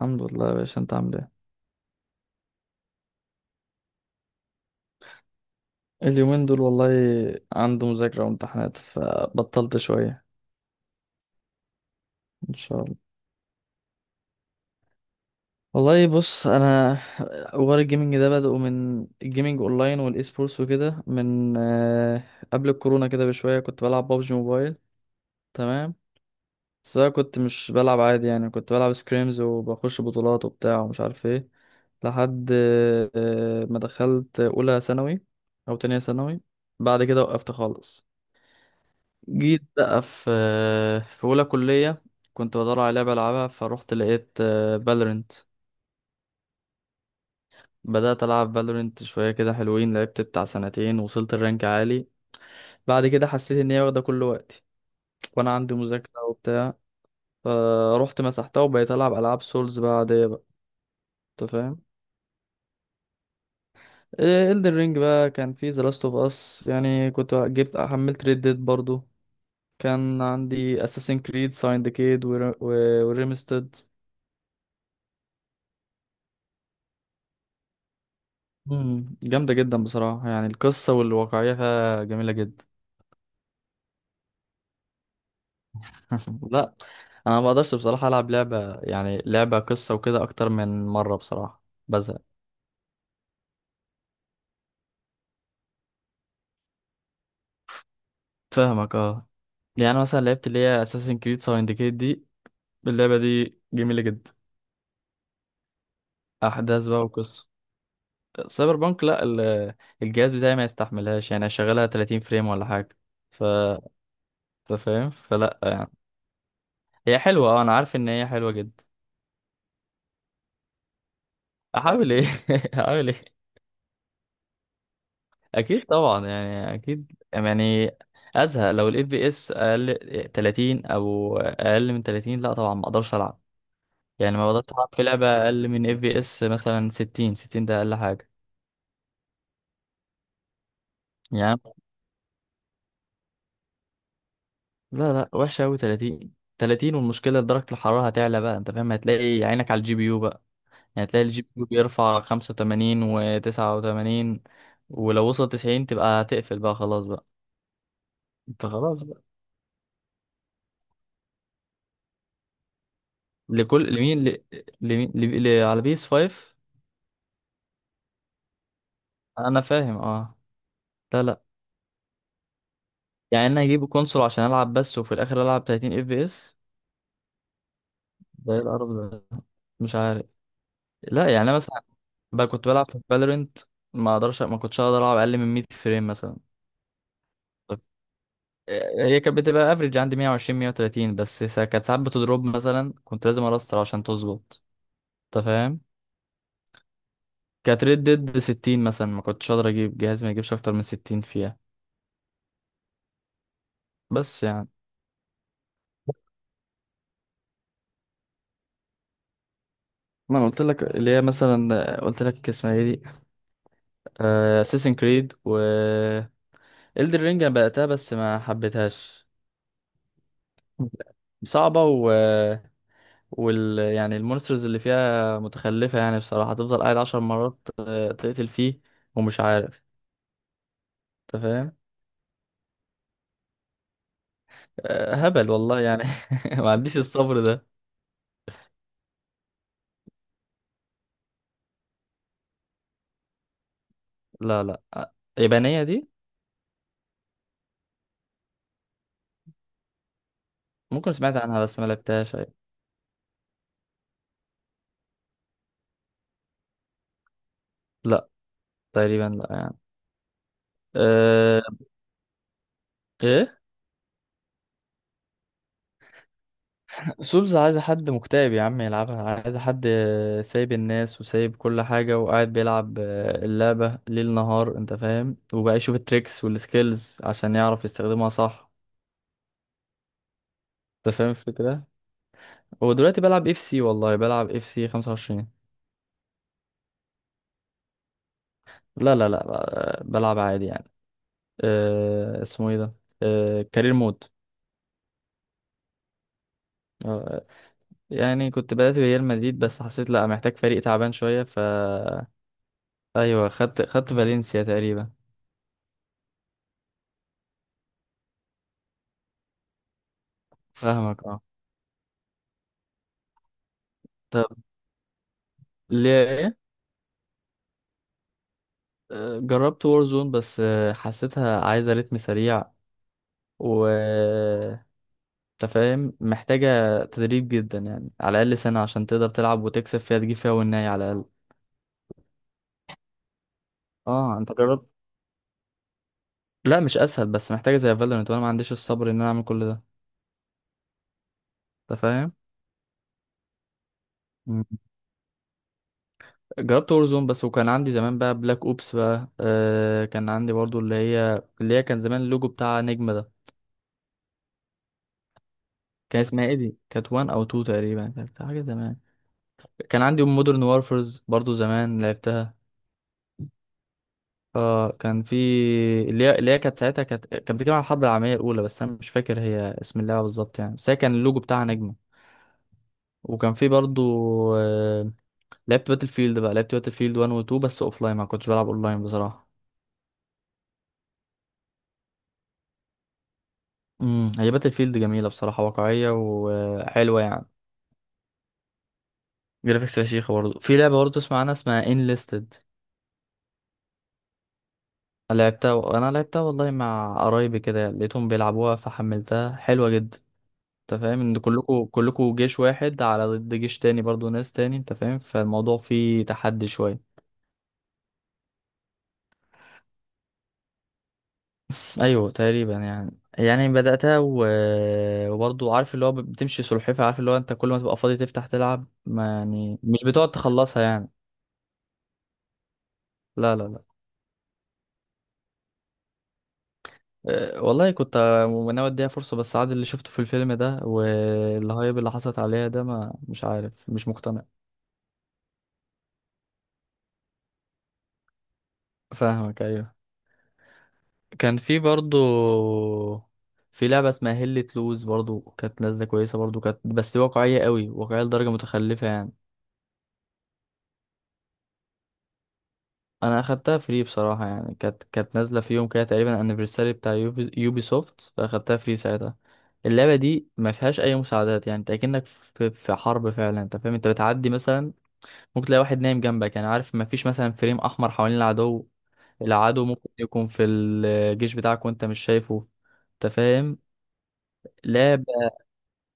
الحمد لله يا باشا، انت عامل ايه؟ اليومين دول والله، عنده مذاكرة وامتحانات فبطلت شوية. ان شاء الله. والله بص، انا حوار الجيمنج ده بدأه من الجيمنج اونلاين والاي سبورتس وكده، من قبل الكورونا كده بشوية كنت بلعب بابجي موبايل. تمام. بس بقى كنت مش بلعب عادي، يعني كنت بلعب سكريمز وبخش بطولات وبتاع ومش عارف ايه لحد ما دخلت اولى ثانوي، او تانية ثانوي. بعد كده وقفت خالص. جيت بقى في أولى كلية، كنت بدور على لعبة ألعبها فروحت لقيت فالورنت. بدأت ألعب فالورنت شوية، كده حلوين، لعبت بتاع سنتين وصلت الرانك عالي. بعد كده حسيت إن هي واخدة كل وقتي وأنا عندي مذاكرة وبتاع. فروحت مسحتها وبقيت ألعب ألعاب سولز بقى، عادية بقى. أنت فاهم. إلدن رينج بقى كان في ذا لاست أوف أس، يعني كنت جبت حملت ريد ديد برضو، كان عندي اساسن كريد سايندكيد وريمستد. مم. جامدة جدا بصراحة، يعني القصة والواقعية فيها جميلة جدا. لا. أنا ما بقدرش بصراحة ألعب لعبة، يعني لعبة قصة وكده أكتر من مرة، بصراحة بزهق. فاهمك اه. يعني مثلا لعبت اللي هي أساسن كريد ساوندكيت دي، اللعبة دي جميلة جدا. أحداث بقى وقصة. سايبر بانك لا. الجهاز بتاعي ما يستحملهاش، يعني أشغلها 30 فريم ولا حاجة، ف أنت فاهم، فلا يعني. هي حلوة اه، أنا عارف إن هي حلوة جدا. أحاول إيه؟ أحاول إيه؟ اكيد طبعا يعني، اكيد يعني ازهق لو الاف بي اس اقل 30، او اقل من 30. لا طبعا ما اقدرش العب، يعني ما بقدرش العب في لعبه اقل من اف بي اس مثلا 60. 60 ده اقل حاجه يعني. لا، لا وحشه قوي 30. 30 والمشكله درجه الحراره هتعلى بقى، انت فاهم، هتلاقي عينك على الجي بي يو بقى، يعني هتلاقي الجي بي يو بيرفع 85 و89، ولو وصل 90 تبقى هتقفل بقى، خلاص بقى، انت خلاص بقى. لكل لمين ل... لمين ل... ل... على بيس 5. انا فاهم اه. لا، لا يعني انا اجيب كونسول عشان العب بس وفي الاخر العب 30 اف بي اس؟ ده ايه القرف ده؟ مش عارف. لا يعني انا مثلا بقى كنت بلعب في فالورنت، ما اقدرش، ما كنتش اقدر العب اقل من 100 فريم مثلا. طب هي كانت بتبقى افريج عندي 120 130، بس كانت ساعات بتضرب، مثلا كنت لازم ارستر عشان تظبط. انت فاهم. كانت ريد ديد 60 مثلا، ما كنتش اقدر اجيب جهاز ما يجيبش اكتر من 60 فيها. بس يعني ما انا قلت لك اللي هي، مثلا قلت لك اسمها ايه دي، اساسن كريد، و إلدر رينج انا بدأتها بس ما حبيتهاش. صعبة و... يعني المونسترز اللي فيها متخلفة، يعني بصراحة تفضل قاعد عشر مرات تقتل فيه، ومش عارف، انت فاهم. هبل والله يعني. ما عنديش الصبر ده. لا، لا. يابانية دي. ممكن سمعت عنها بس ما لعبتهاش. أيوة. لا، تقريبا لا يعني. أه... ايه. سولز عايز حد مكتئب يا عم يلعبها، عايز حد سايب الناس وسايب كل حاجة وقاعد بيلعب اللعبة ليل نهار، انت فاهم، وبقى يشوف التريكس والسكيلز عشان يعرف يستخدمها صح. انت فاهم الفكرة. هو دلوقتي بلعب اف سي، والله بلعب اف سي 25. لا، لا، لا، بلعب عادي يعني. أه، اسمه ايه ده؟ أه، كارير مود. أه، يعني كنت بدأت بريال مدريد بس حسيت لا، محتاج فريق تعبان شوية، ف ايوه، خدت فالنسيا تقريبا. فاهمك اه. طب ليه؟ جربت وورزون بس حسيتها عايزة رتم سريع، و تفاهم محتاجة تدريب جدا، يعني على الأقل سنة عشان تقدر تلعب وتكسب فيها، تجيب فيها والنهاية على الأقل. اه انت جربت. لا مش أسهل، بس محتاجة زي فالورنت وأنا ما عنديش الصبر إن أنا أعمل كل ده. أنت فاهم. مم. جربت وورزون بس، وكان عندي زمان بقى بلاك أوبس بقى، كان عندي برضو اللي هي كان زمان اللوجو بتاع نجمة ده. كان اسمها ايه دي؟ كانت وان أو تو تقريبا، كانت حاجة زمان. كان عندي مودرن وارفرز برضو، زمان لعبتها. اه كان في اللي هي كانت ساعتها، كانت بتتكلم عن الحرب العالميه الاولى، بس انا مش فاكر هي اسم اللعبه بالظبط يعني، بس هي كان اللوجو بتاعها نجمه. وكان في برضو آه، لعبت باتل فيلد بقى، لعبت باتل فيلد 1 و 2 بس اوف لاين، ما كنتش بلعب اون لاين بصراحه. هي باتل فيلد جميله بصراحه، واقعيه وحلوه يعني. جرافيكس فشيخه برضو، في لعبه برضو اسمها، عنها، اسمها ان ليستد. لعبتها، انا لعبتها والله مع قرايبي، كده لقيتهم بيلعبوها فحملتها، حلوه جدا. انت فاهم ان كلكوا جيش واحد على ضد جيش تاني، برضو ناس تاني، انت فاهم، فالموضوع فيه تحدي شوية. ايوه تقريبا يعني بدأتها و... وبرضو عارف اللي هو بتمشي سلحفة، عارف اللي هو انت كل ما تبقى فاضي تفتح تلعب، ما يعني مش بتقعد تخلصها يعني. لا، لا، لا. والله كنت ناوي اديها فرصة، بس عاد اللي شفته في الفيلم ده والهايب اللي حصلت عليها ده، ما مش عارف، مش مقتنع. فاهمك ايوه. كان في برضو في لعبة اسمها هيلة لوز، برضو كانت نازلة كويسة برضو، كانت بس واقعية قوي، واقعية لدرجة متخلفة يعني. انا اخدتها فري بصراحة، يعني كانت نازلة في يوم كده تقريبا، انيفرساري بتاع يوبي سوفت، فاخدتها فري ساعتها. اللعبة دي ما فيهاش اي مساعدات، يعني انت اكنك في حرب فعلا، انت فاهم، انت بتعدي مثلا ممكن تلاقي واحد نايم جنبك، يعني عارف ما فيش مثلا فريم احمر حوالين العدو. العدو ممكن يكون في الجيش بتاعك وانت مش شايفه. انت فاهم. لا.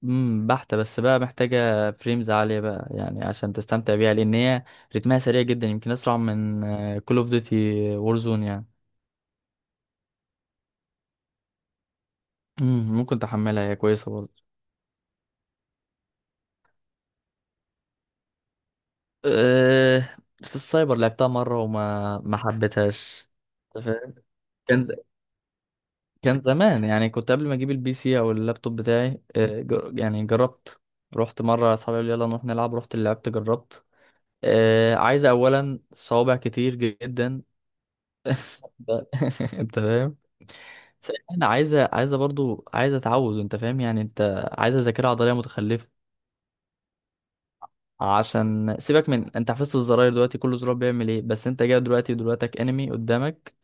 بحتة، بس بقى محتاجة فريمز عالية بقى يعني عشان تستمتع بيها، لأن هي رتمها سريع جدا، يمكن أسرع من كول اوف ديوتي، وورزون يعني. ممكن تحملها، هي كويسة برضه. أه في السايبر لعبتها مرة وما ما حبيتهاش. أنت فاهم؟ كان، كان زمان يعني، كنت قبل ما أجيب البي سي أو اللابتوب بتاعي، يعني جربت، رحت مرة، أصحابي قالوا لي يلا نروح نلعب، رحت لعبت جربت. أه، عايزة أولا صوابع كتير جدا. ده- انت فاهم. بس انا عايزه برضو، عايزه تعود، انت فاهم، يعني انت عايزه ذاكره عضليه متخلفه عشان سيبك من انت حفظت الزراير دلوقتي كل زرار بيعمل ايه، بس انت جاي دلوقتي، دلوقتك انمي قدامك،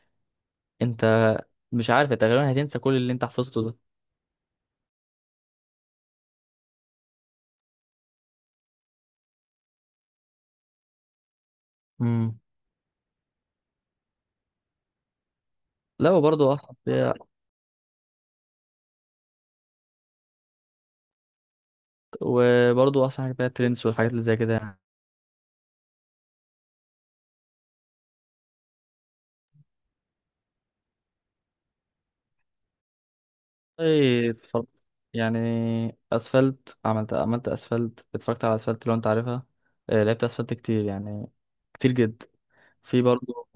انت مش عارف، انت غالبا هتنسى كل اللي انت حفظته ده. امم. لا وبرضه اصعب فيها، وبرضه اصعب حاجه فيها ترندز والحاجات اللي زي كده يعني. والله يعني اسفلت، عملت اسفلت، اتفرجت على اسفلت لو انت عارفها. لعبت اسفلت كتير يعني، كتير جدا. في برضه.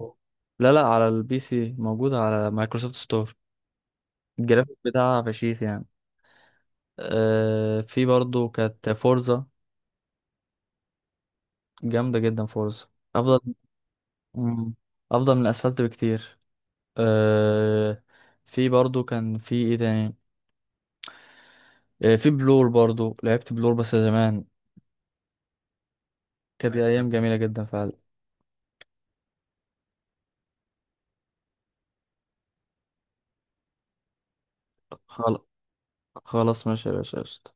لا، لا، على البي سي موجود على مايكروسوفت ستور. الجرافيك بتاعها فشيخ يعني. في برضه كانت فورزا. جامدة جدا فورزا، أفضل. مم. أفضل من الأسفلت بكتير. آه في برضه كان في إيه تاني؟ في بلور برضه، لعبت بلور بس زمان. كانت أيام جميلة جدا فعلا. خل- خلاص ماشي يا باشا، قشطة.